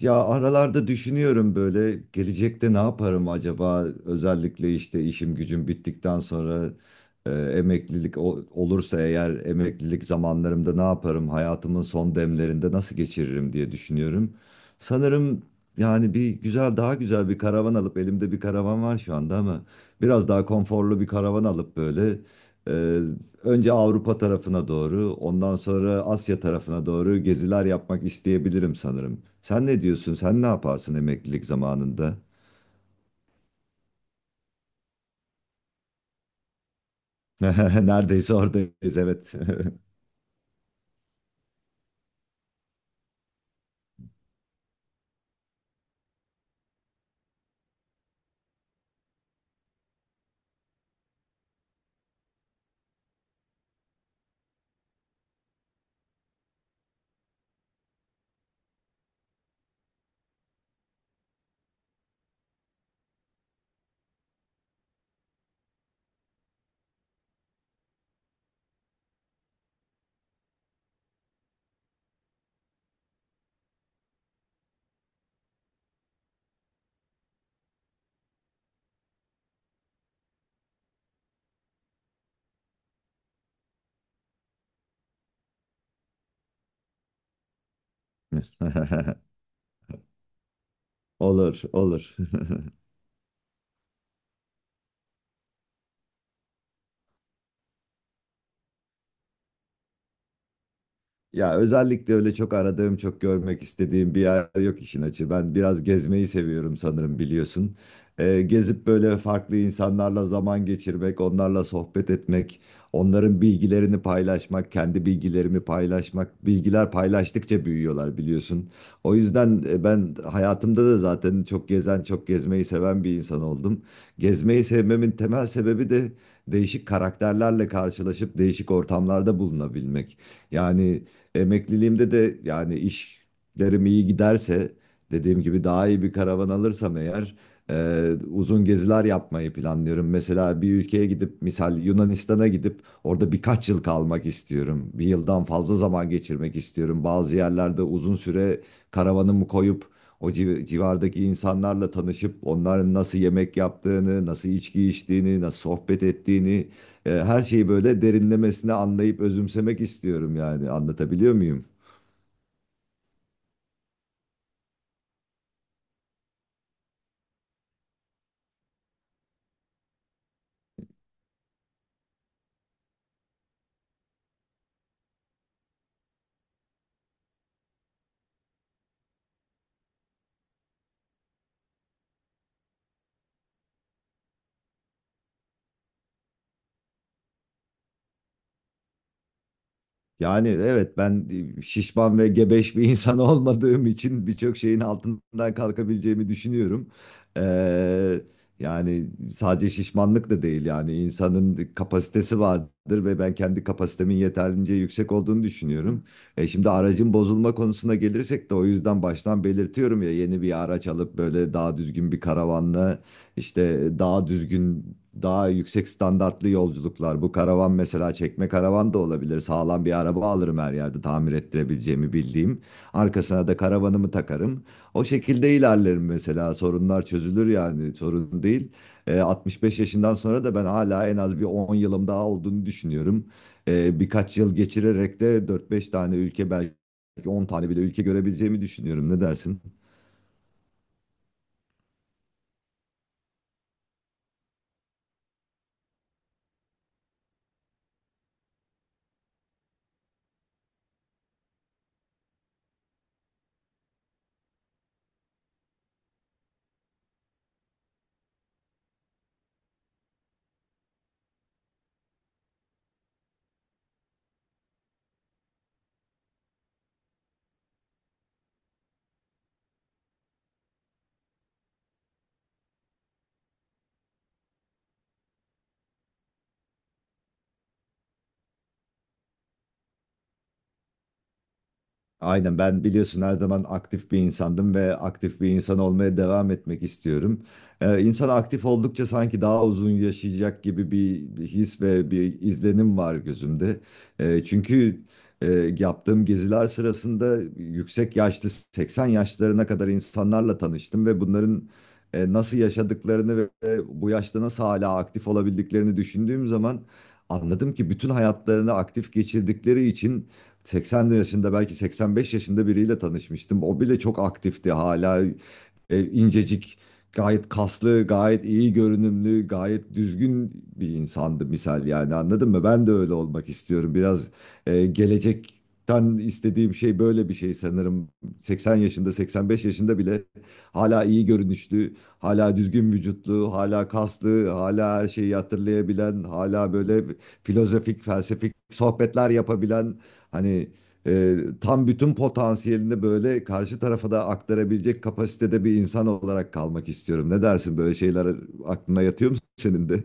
Ya aralarda düşünüyorum böyle gelecekte ne yaparım acaba, özellikle işte işim gücüm bittikten sonra emeklilik olursa eğer, emeklilik zamanlarımda ne yaparım, hayatımın son demlerinde nasıl geçiririm diye düşünüyorum. Sanırım yani bir güzel daha güzel bir karavan alıp, elimde bir karavan var şu anda ama biraz daha konforlu bir karavan alıp böyle, e, önce Avrupa tarafına doğru, ondan sonra Asya tarafına doğru geziler yapmak isteyebilirim sanırım. Sen ne diyorsun? Sen ne yaparsın emeklilik zamanında? Neredeyse oradayız, evet. Olur, olur. Ya özellikle öyle çok aradığım, çok görmek istediğim bir yer yok işin açığı. Ben biraz gezmeyi seviyorum sanırım, biliyorsun. Gezip böyle farklı insanlarla zaman geçirmek, onlarla sohbet etmek, onların bilgilerini paylaşmak, kendi bilgilerimi paylaşmak. Bilgiler paylaştıkça büyüyorlar, biliyorsun. O yüzden ben hayatımda da zaten çok gezen, çok gezmeyi seven bir insan oldum. Gezmeyi sevmemin temel sebebi de değişik karakterlerle karşılaşıp değişik ortamlarda bulunabilmek. Yani emekliliğimde de, yani işlerim iyi giderse, dediğim gibi daha iyi bir karavan alırsam eğer, uzun geziler yapmayı planlıyorum. Mesela bir ülkeye gidip, misal Yunanistan'a gidip orada birkaç yıl kalmak istiyorum. Bir yıldan fazla zaman geçirmek istiyorum. Bazı yerlerde uzun süre karavanımı koyup civardaki insanlarla tanışıp, onların nasıl yemek yaptığını, nasıl içki içtiğini, nasıl sohbet ettiğini, her şeyi böyle derinlemesine anlayıp özümsemek istiyorum yani. Anlatabiliyor muyum? Yani evet, ben şişman ve gebeş bir insan olmadığım için birçok şeyin altından kalkabileceğimi düşünüyorum. E, Yani sadece şişmanlık da değil, yani insanın kapasitesi vardır ve ben kendi kapasitemin yeterince yüksek olduğunu düşünüyorum. E, şimdi aracın bozulma konusuna gelirsek de, o yüzden baştan belirtiyorum ya, yeni bir araç alıp böyle daha düzgün bir karavanla, İşte daha düzgün, daha yüksek standartlı yolculuklar. Bu karavan mesela çekme karavan da olabilir. Sağlam bir araba alırım her yerde tamir ettirebileceğimi bildiğim. Arkasına da karavanımı takarım. O şekilde ilerlerim mesela. Sorunlar çözülür, yani sorun değil. 65 yaşından sonra da ben hala en az bir 10 yılım daha olduğunu düşünüyorum. Birkaç yıl geçirerek de 4-5 tane ülke, belki 10 tane bile ülke görebileceğimi düşünüyorum. Ne dersin? Aynen, ben biliyorsun her zaman aktif bir insandım ve aktif bir insan olmaya devam etmek istiyorum. İnsan aktif oldukça sanki daha uzun yaşayacak gibi bir his ve bir izlenim var gözümde. Çünkü e, yaptığım geziler sırasında yüksek yaşlı 80 yaşlarına kadar insanlarla tanıştım ve bunların nasıl yaşadıklarını ve bu yaşta nasıl hala aktif olabildiklerini düşündüğüm zaman, anladım ki bütün hayatlarını aktif geçirdikleri için 80 yaşında, belki 85 yaşında biriyle tanışmıştım. O bile çok aktifti hala, incecik, gayet kaslı, gayet iyi görünümlü, gayet düzgün bir insandı misal, yani anladın mı? Ben de öyle olmak istiyorum. Biraz gelecekten istediğim şey böyle bir şey sanırım. 80 yaşında, 85 yaşında bile hala iyi görünüşlü, hala düzgün vücutlu, hala kaslı, hala her şeyi hatırlayabilen, hala böyle filozofik, felsefik sohbetler yapabilen, hani, tam bütün potansiyelini böyle karşı tarafa da aktarabilecek kapasitede bir insan olarak kalmak istiyorum. Ne dersin, böyle şeyler aklına yatıyor mu senin de?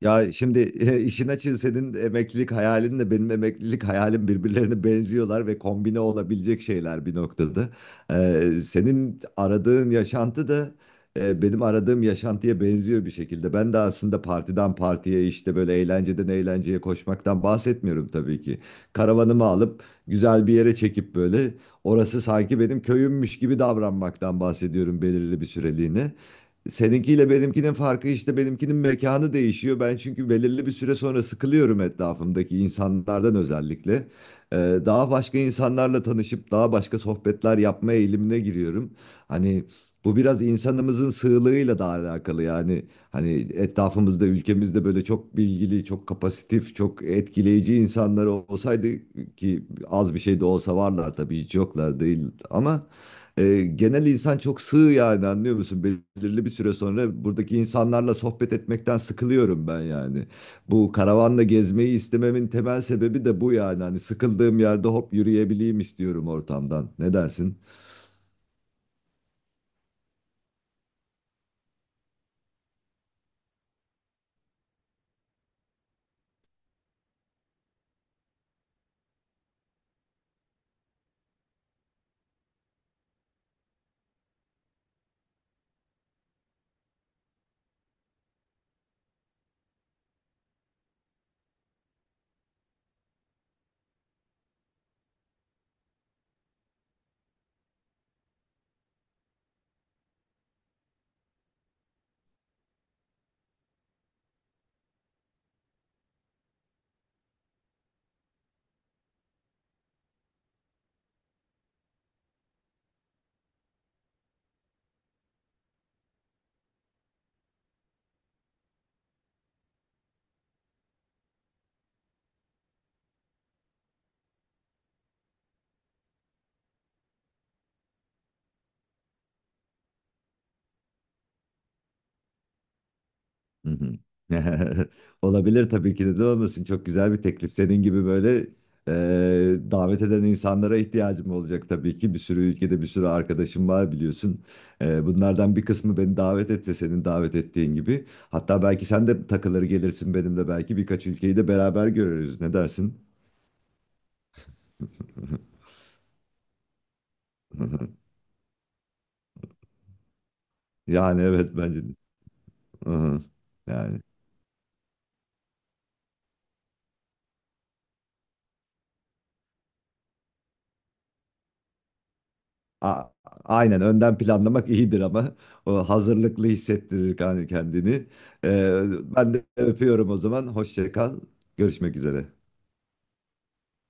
Ya şimdi işin açığı senin emeklilik hayalinle benim emeklilik hayalim birbirlerine benziyorlar ve kombine olabilecek şeyler bir noktada. Senin aradığın yaşantı da benim aradığım yaşantıya benziyor bir şekilde. Ben de aslında partiden partiye, işte böyle eğlenceden eğlenceye koşmaktan bahsetmiyorum tabii ki. Karavanımı alıp güzel bir yere çekip, böyle orası sanki benim köyümmüş gibi davranmaktan bahsediyorum belirli bir süreliğine. Seninkiyle benimkinin farkı işte, benimkinin mekanı değişiyor. Ben çünkü belirli bir süre sonra sıkılıyorum etrafımdaki insanlardan, özellikle. Ee, Daha başka insanlarla tanışıp daha başka sohbetler yapma eğilimine giriyorum. Hani bu biraz insanımızın sığlığıyla da alakalı yani. Hani etrafımızda, ülkemizde böyle çok bilgili, çok kapasitif, çok etkileyici insanlar olsaydı, ki az bir şey de olsa varlar tabii, hiç yoklar değil, ama genel insan çok sığ, yani anlıyor musun? Belirli bir süre sonra buradaki insanlarla sohbet etmekten sıkılıyorum ben yani. Bu karavanla gezmeyi istememin temel sebebi de bu yani. Hani sıkıldığım yerde hop yürüyebileyim istiyorum ortamdan. Ne dersin? Hı hı. Olabilir tabii ki, neden olmasın. Çok güzel bir teklif. Senin gibi böyle davet eden insanlara ihtiyacım olacak tabii ki. Bir sürü ülkede bir sürü arkadaşım var, biliyorsun. E, bunlardan bir kısmı beni davet etse, senin davet ettiğin gibi. Hatta belki sen de takılır gelirsin benimle, belki birkaç ülkeyi de beraber görürüz. Ne dersin? Yani evet, bence de. Hı hı. Yani. A- Aynen, önden planlamak iyidir ama o hazırlıklı hissettirir kendini. Ee, Ben de öpüyorum o zaman. Hoşça kal. Görüşmek üzere.